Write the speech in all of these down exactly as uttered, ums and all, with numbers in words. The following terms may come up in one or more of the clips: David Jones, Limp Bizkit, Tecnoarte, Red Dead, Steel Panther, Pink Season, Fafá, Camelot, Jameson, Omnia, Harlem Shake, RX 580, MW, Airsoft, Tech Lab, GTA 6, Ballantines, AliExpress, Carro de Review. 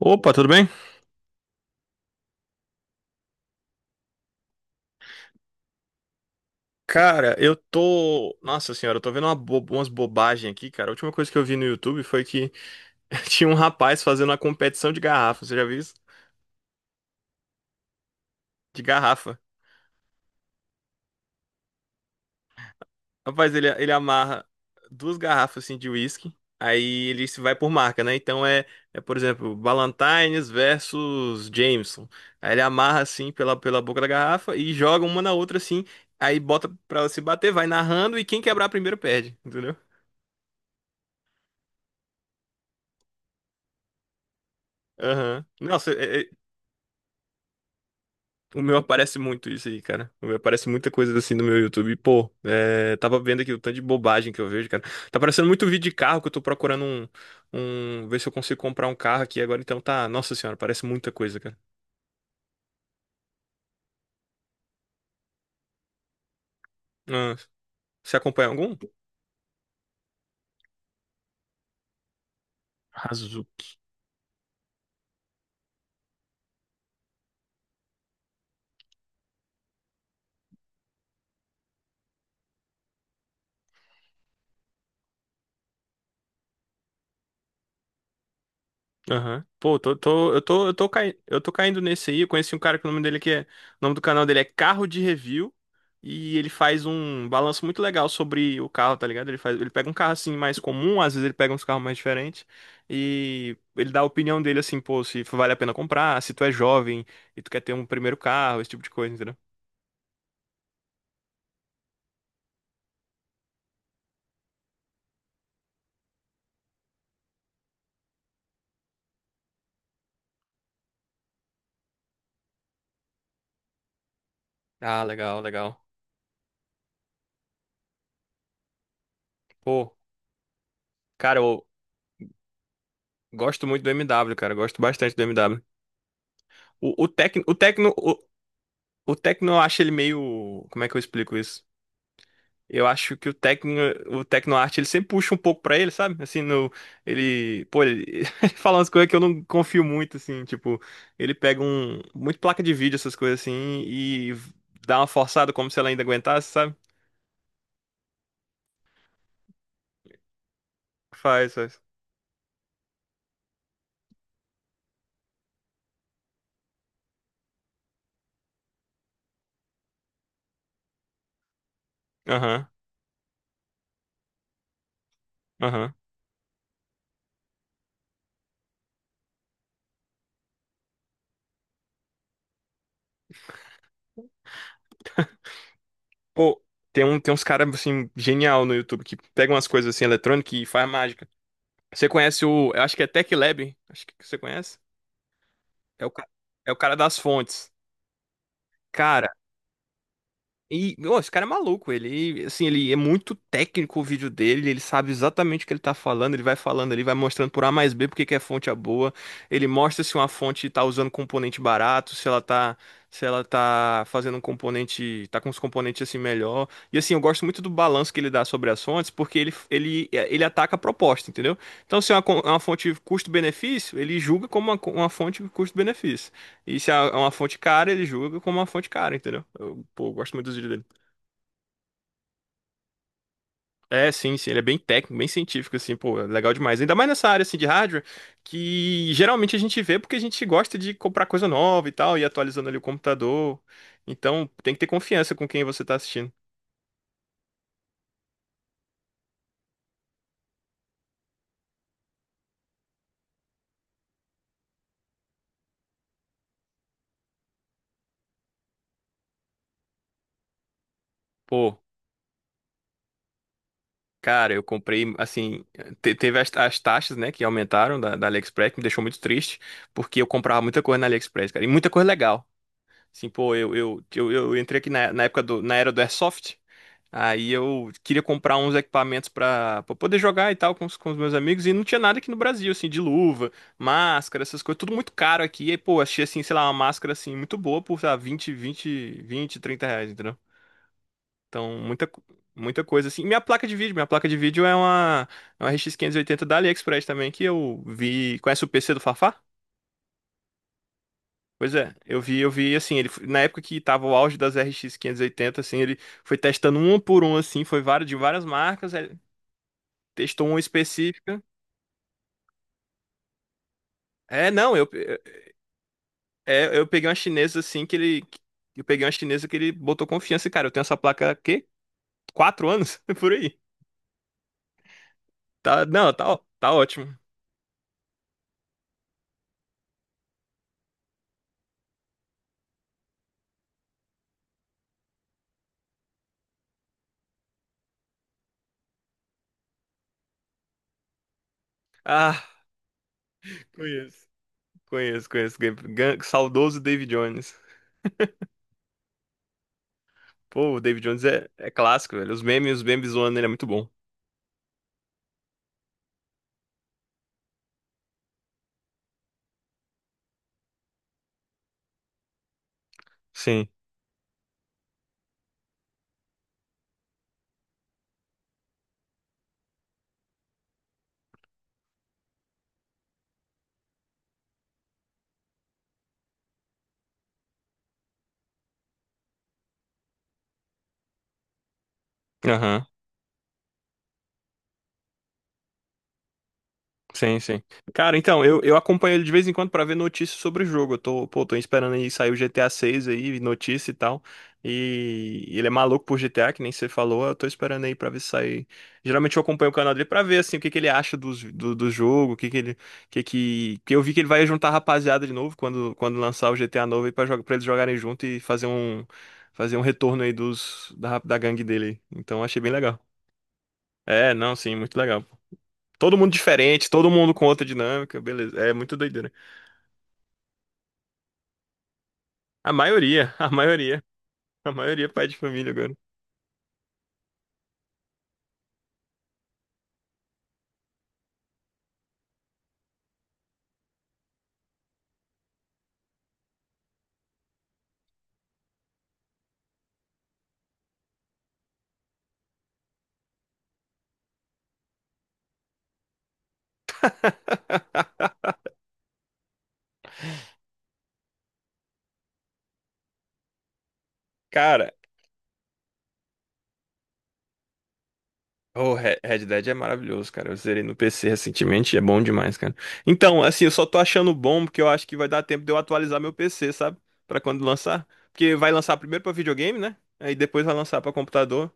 Opa, tudo bem? Cara, eu tô. Nossa senhora, eu tô vendo uma bo- umas bobagens aqui, cara. A última coisa que eu vi no YouTube foi que tinha um rapaz fazendo uma competição de garrafa. Você já viu isso? De garrafa. Rapaz, ele, ele amarra duas garrafas assim de uísque. Aí ele se vai por marca, né? Então é, é, por exemplo, Ballantines versus Jameson. Aí ele amarra assim pela, pela boca da garrafa e joga uma na outra assim. Aí bota pra ela se bater, vai narrando e quem quebrar primeiro perde, entendeu? Aham. Nossa. é, é, O meu aparece muito isso aí, cara. O meu aparece muita coisa assim no meu YouTube. Pô, é, tava vendo aqui o tanto de bobagem que eu vejo, cara. Tá aparecendo muito vídeo de carro que eu tô procurando um, um, ver se eu consigo comprar um carro aqui agora. Então tá, nossa senhora, parece muita coisa, cara. Ah, você acompanha algum? Arrasou. Aham. Pô, tô, tô, eu tô, eu tô caindo, eu tô caindo nesse aí. Eu conheci um cara que o nome dele que é, o nome do canal dele é Carro de Review e ele faz um balanço muito legal sobre o carro, tá ligado? Ele faz, ele pega um carro assim mais comum, às vezes ele pega uns carros mais diferentes e ele dá a opinião dele assim, pô, se vale a pena comprar, se tu é jovem e tu quer ter um primeiro carro, esse tipo de coisa, entendeu? Ah, legal, legal. Pô, cara, eu gosto muito do M W, cara, eu gosto bastante do M W. O, o Tecno, o Tecno, o, o Tecno eu acho ele meio, como é que eu explico isso? Eu acho que o Tecno, o Tecnoarte, ele sempre puxa um pouco pra ele, sabe? Assim, no, ele, pô, ele ele fala umas coisas que eu não confio muito, assim, tipo, ele pega um, muito placa de vídeo, essas coisas assim, e dá uma forçada como se ela ainda aguentasse, sabe? Faz, faz. Aham, aham. Pô, tem um, tem uns caras, assim, genial no YouTube que pegam umas coisas, assim, eletrônicas e faz mágica. Você conhece o, eu acho que é Tech Lab, acho que você conhece? É o, ca- É o cara das fontes. Cara, E, meu, esse cara é maluco, ele, assim, ele é muito técnico o vídeo dele, ele sabe exatamente o que ele tá falando, ele vai falando ali, vai mostrando por A mais B porque que a fonte é boa, ele mostra se uma fonte tá usando componente barato, se ela tá, se ela tá fazendo um componente, tá com os componentes assim melhor. E assim, eu gosto muito do balanço que ele dá sobre as fontes, porque ele, ele, é, ele ataca a proposta, entendeu? Então, se é uma, co- é uma fonte custo-benefício, ele julga como uma, co- uma fonte custo-benefício. E se é uma fonte cara, ele julga como uma fonte cara, entendeu? Eu, pô, eu gosto muito dos vídeos dele. É, sim, sim, ele é bem técnico, bem científico, assim, pô, é legal demais. Ainda mais nessa área, assim, de hardware, que geralmente a gente vê porque a gente gosta de comprar coisa nova e tal, e atualizando ali o computador. Então, tem que ter confiança com quem você tá assistindo. Pô, cara, eu comprei, assim, te- teve as, as taxas, né, que aumentaram da, da AliExpress, que me deixou muito triste, porque eu comprava muita coisa na AliExpress, cara, e muita coisa legal. Assim, pô, eu, eu, eu, eu entrei aqui na, na época do, na era do Airsoft. Aí eu queria comprar uns equipamentos pra, pra poder jogar e tal com os, com os meus amigos. E não tinha nada aqui no Brasil, assim, de luva, máscara, essas coisas, tudo muito caro aqui. E, pô, achei, assim, sei lá, uma máscara, assim, muito boa por, sei lá, vinte vinte 20, trinta reais, entendeu? Então, muita, co- muita coisa, assim. E minha placa de vídeo, minha placa de vídeo é uma, é uma R X quinhentos e oitenta da AliExpress também, que eu vi. Conhece o P C do Fafá? Pois é, eu vi, eu vi assim, ele na época que tava o auge das R X quinhentos e oitenta, assim, ele foi testando um por um assim, foi vários de várias marcas, ele testou uma específica. É, não, eu, é, eu peguei uma chinesa assim que ele. Eu peguei uma chinesa que ele botou confiança, e, cara. Eu tenho essa placa há quê? Quatro anos? Por aí. Tá, não, tá, ó- tá ótimo. Ah, conheço. Conheço, conheço. Gan- Gan- Saudoso David Jones. Pô, o David Jones é, é clássico, velho. Os memes, os memes zoando ele é muito bom. Sim. Aham. Sim, sim. Cara, então, eu, eu acompanho ele de vez em quando pra ver notícias sobre o jogo. Eu tô, pô, tô esperando aí sair o G T A seis aí, notícia e tal. E ele é maluco por G T A, que nem você falou. Eu tô esperando aí pra ver se sair. Geralmente eu acompanho o canal dele pra ver, assim, o que que ele acha dos, do, do jogo, o que que ele. Que que... que eu vi que ele vai juntar a rapaziada de novo quando, quando lançar o G T A novo aí pra, jogar, pra eles jogarem junto e fazer um... fazer um retorno aí dos, da, da gangue dele. Então, achei bem legal. É, não, sim, muito legal. Todo mundo diferente, todo mundo com outra dinâmica, beleza. É muito doideira. A maioria, a maioria, a maioria é pai de família agora. Cara, o Re- Red Dead é maravilhoso, cara. Eu zerei no P C recentemente, e é bom demais, cara. Então, assim, eu só tô achando bom porque eu acho que vai dar tempo de eu atualizar meu P C, sabe? Pra quando lançar. Porque vai lançar primeiro pra videogame, né? Aí depois vai lançar pra computador.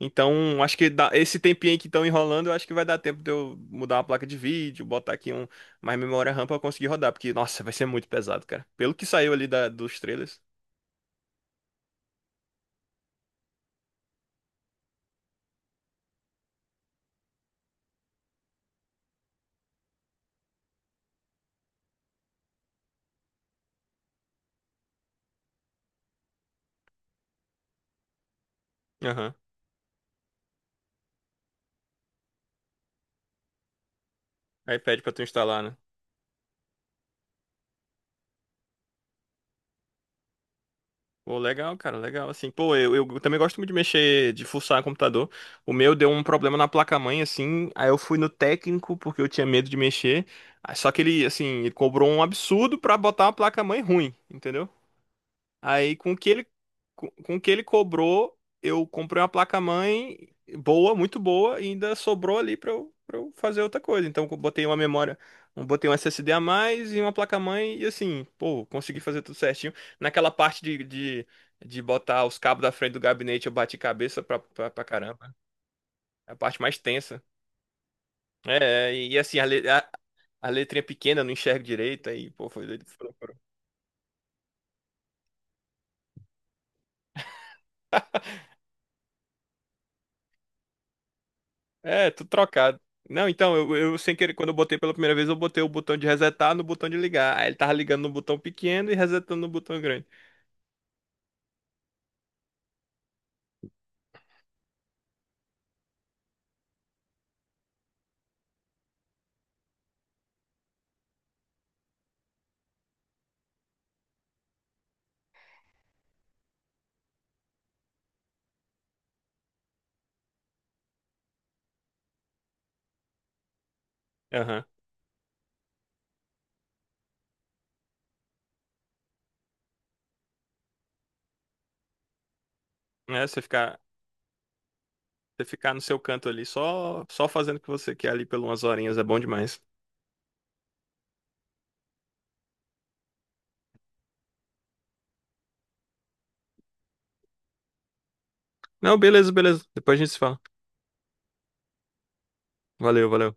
Então, acho que dá- esse tempinho aí que estão enrolando, eu acho que vai dar tempo de eu mudar uma placa de vídeo, botar aqui um mais memória RAM pra eu conseguir rodar, porque, nossa, vai ser muito pesado, cara. Pelo que saiu ali da- dos trailers. Aham. Aí pede pra tu instalar, né? Pô, legal, cara, legal. Assim, pô, eu, eu também gosto muito de mexer, de fuçar computador. O meu deu um problema na placa-mãe, assim. Aí eu fui no técnico, porque eu tinha medo de mexer. Ah, só que ele, assim, ele cobrou um absurdo pra botar uma placa-mãe ruim, entendeu? Aí com o que ele com, com o que ele cobrou, eu comprei uma placa-mãe boa, muito boa, e ainda sobrou ali para eu, para eu fazer outra coisa. Então eu botei uma memória, eu botei um S S D a mais e uma placa-mãe e assim, pô, consegui fazer tudo certinho. Naquela parte de, de, de botar os cabos da frente do gabinete, eu bati cabeça pra, pra, pra caramba. É a parte mais tensa. É, é, e assim, a, le- a, a letrinha pequena, eu não enxergo direito, aí, pô, foi doido. É, tudo trocado. Não, então, eu, eu sem querer, quando eu botei pela primeira vez, eu botei o botão de resetar no botão de ligar. Aí ele tava ligando no botão pequeno e resetando no botão grande. Aham. É, você ficar, você ficar no seu canto ali, só, só fazendo o que você quer ali por umas horinhas, é bom demais. Não, beleza, beleza. Depois a gente se fala. Valeu, valeu.